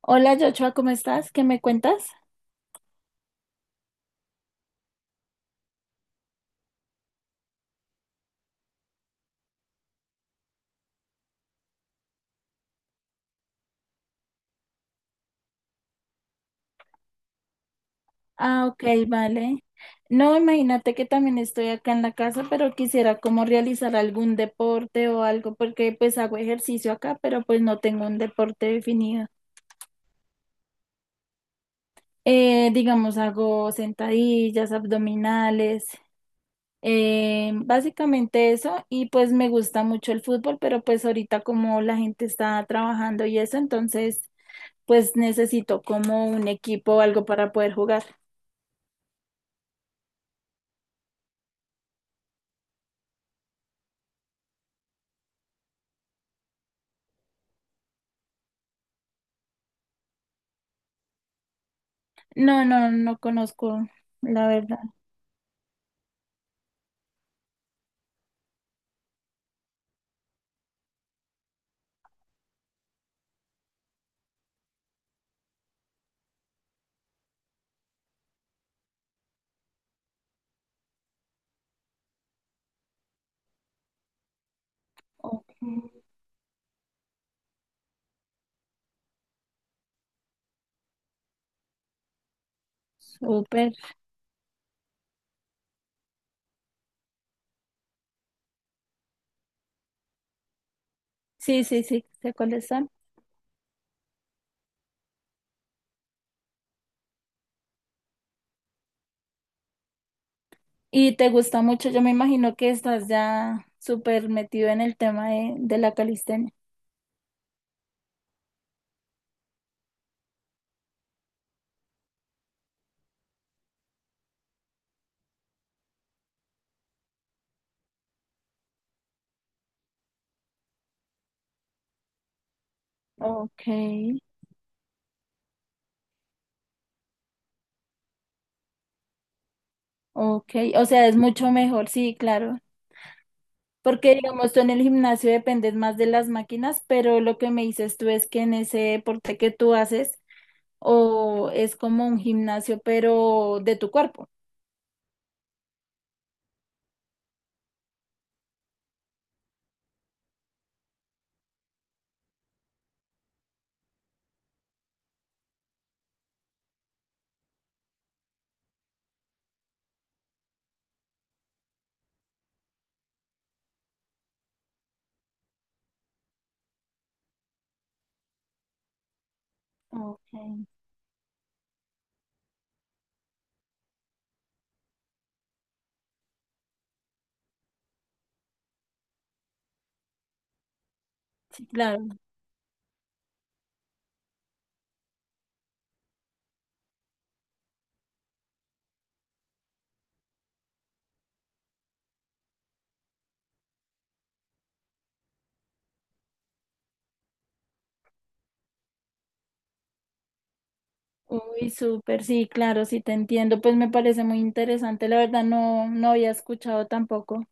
Hola, Joshua, ¿cómo estás? ¿Qué me cuentas? Ah, ok, vale. No, imagínate que también estoy acá en la casa, pero quisiera como realizar algún deporte o algo, porque pues hago ejercicio acá, pero pues no tengo un deporte definido. Digamos, hago sentadillas, abdominales, básicamente eso, y pues me gusta mucho el fútbol, pero pues ahorita como la gente está trabajando y eso, entonces pues necesito como un equipo o algo para poder jugar. No, no conozco, la verdad. Ok, súper. Sí, sí, sí, sé cuáles son. Y te gusta mucho, yo me imagino que estás ya súper metido en el tema de la calistenia. Ok, ok. O sea, es mucho mejor, sí, claro. Porque, digamos, tú en el gimnasio dependes más de las máquinas, pero lo que me dices tú es que en ese deporte que tú haces, o es como un gimnasio, pero de tu cuerpo. Ok, sí, claro. Uy, súper, sí, claro, sí te entiendo. Pues me parece muy interesante. La verdad no, había escuchado tampoco.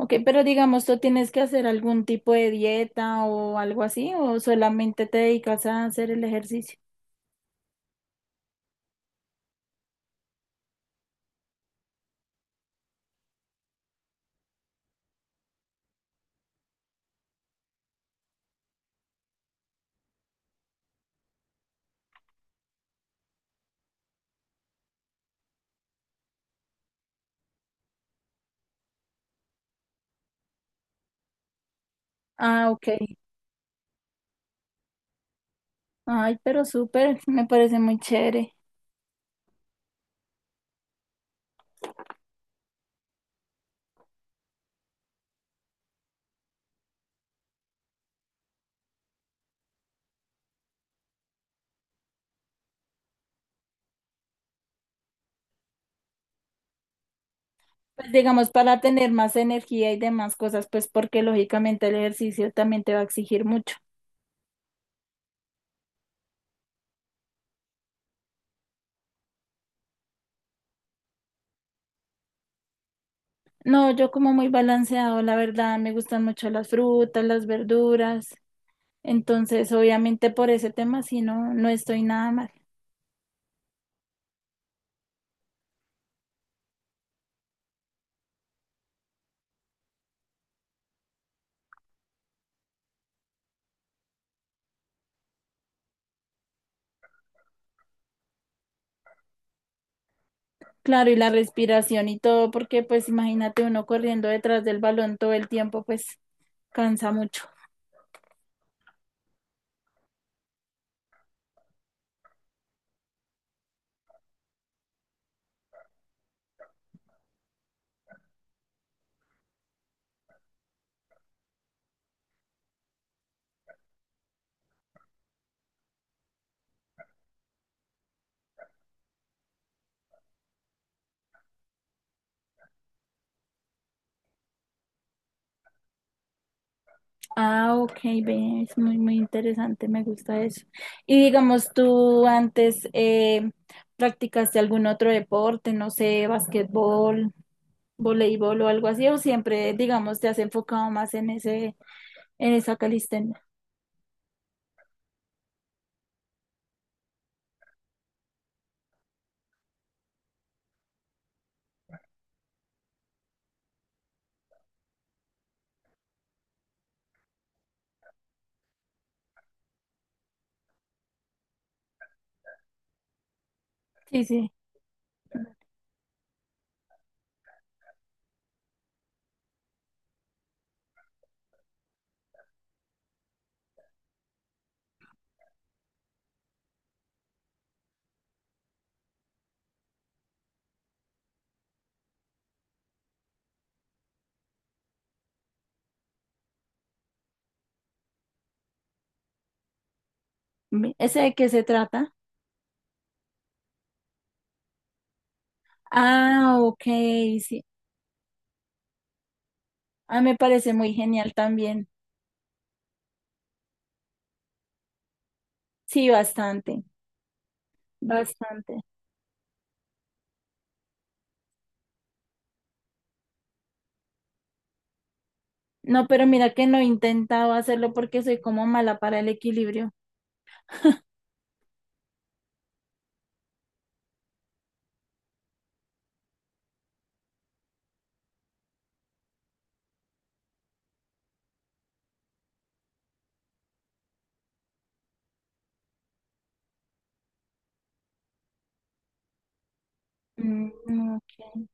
Ok, pero digamos, ¿tú tienes que hacer algún tipo de dieta o algo así? ¿O solamente te dedicas a hacer el ejercicio? Ah, ok. Ay, pero súper, me parece muy chévere. Pues digamos, para tener más energía y demás cosas, pues porque lógicamente el ejercicio también te va a exigir mucho. No, yo como muy balanceado, la verdad, me gustan mucho las frutas, las verduras. Entonces, obviamente por ese tema sí no, estoy nada mal. Claro, y la respiración y todo, porque pues imagínate uno corriendo detrás del balón todo el tiempo, pues cansa mucho. Ah, ok, ve, es muy, muy interesante, me gusta eso. Y digamos, tú antes practicaste algún otro deporte, no sé, basquetbol, voleibol o algo así, o siempre, digamos, te has enfocado más en ese, en esa calistenia. Sí, sí. ¿Ese de qué se trata? Ah, ok, sí. Ah, me parece muy genial también. Sí, bastante, bastante. No, pero mira que no he intentado hacerlo porque soy como mala para el equilibrio. Mm, ok,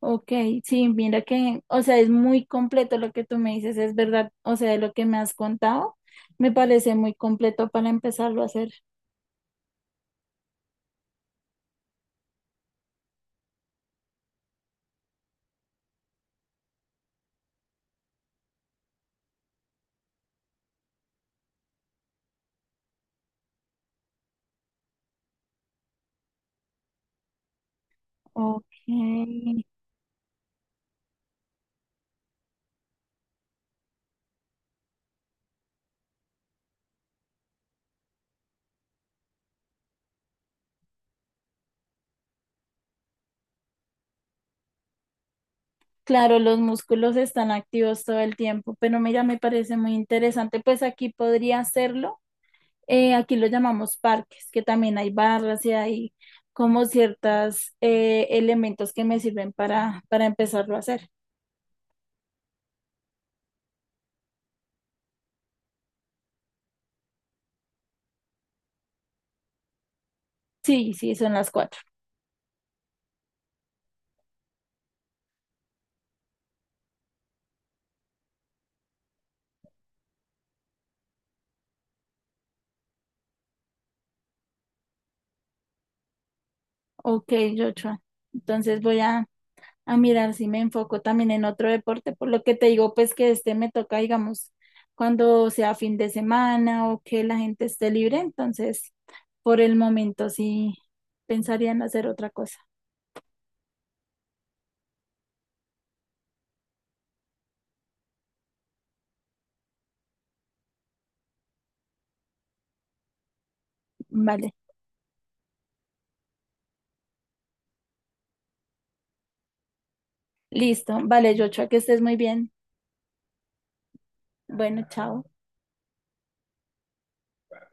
ok, sí, mira que, o sea, es muy completo lo que tú me dices, es verdad, o sea, de lo que me has contado, me parece muy completo para empezarlo a hacer. Ok, claro, los músculos están activos todo el tiempo, pero mira, me parece muy interesante, pues aquí podría hacerlo. Eh, aquí lo llamamos parques, que también hay barras y hay como ciertos elementos que me sirven para empezarlo a hacer. Sí, sí, son las 4. Ok, Joshua. Entonces voy a mirar si me enfoco también en otro deporte. Por lo que te digo, pues que este me toca, digamos, cuando sea fin de semana o que la gente esté libre. Entonces, por el momento sí pensaría en hacer otra cosa. Vale, listo. Vale, Joshua, que estés muy bien. Bueno, chao.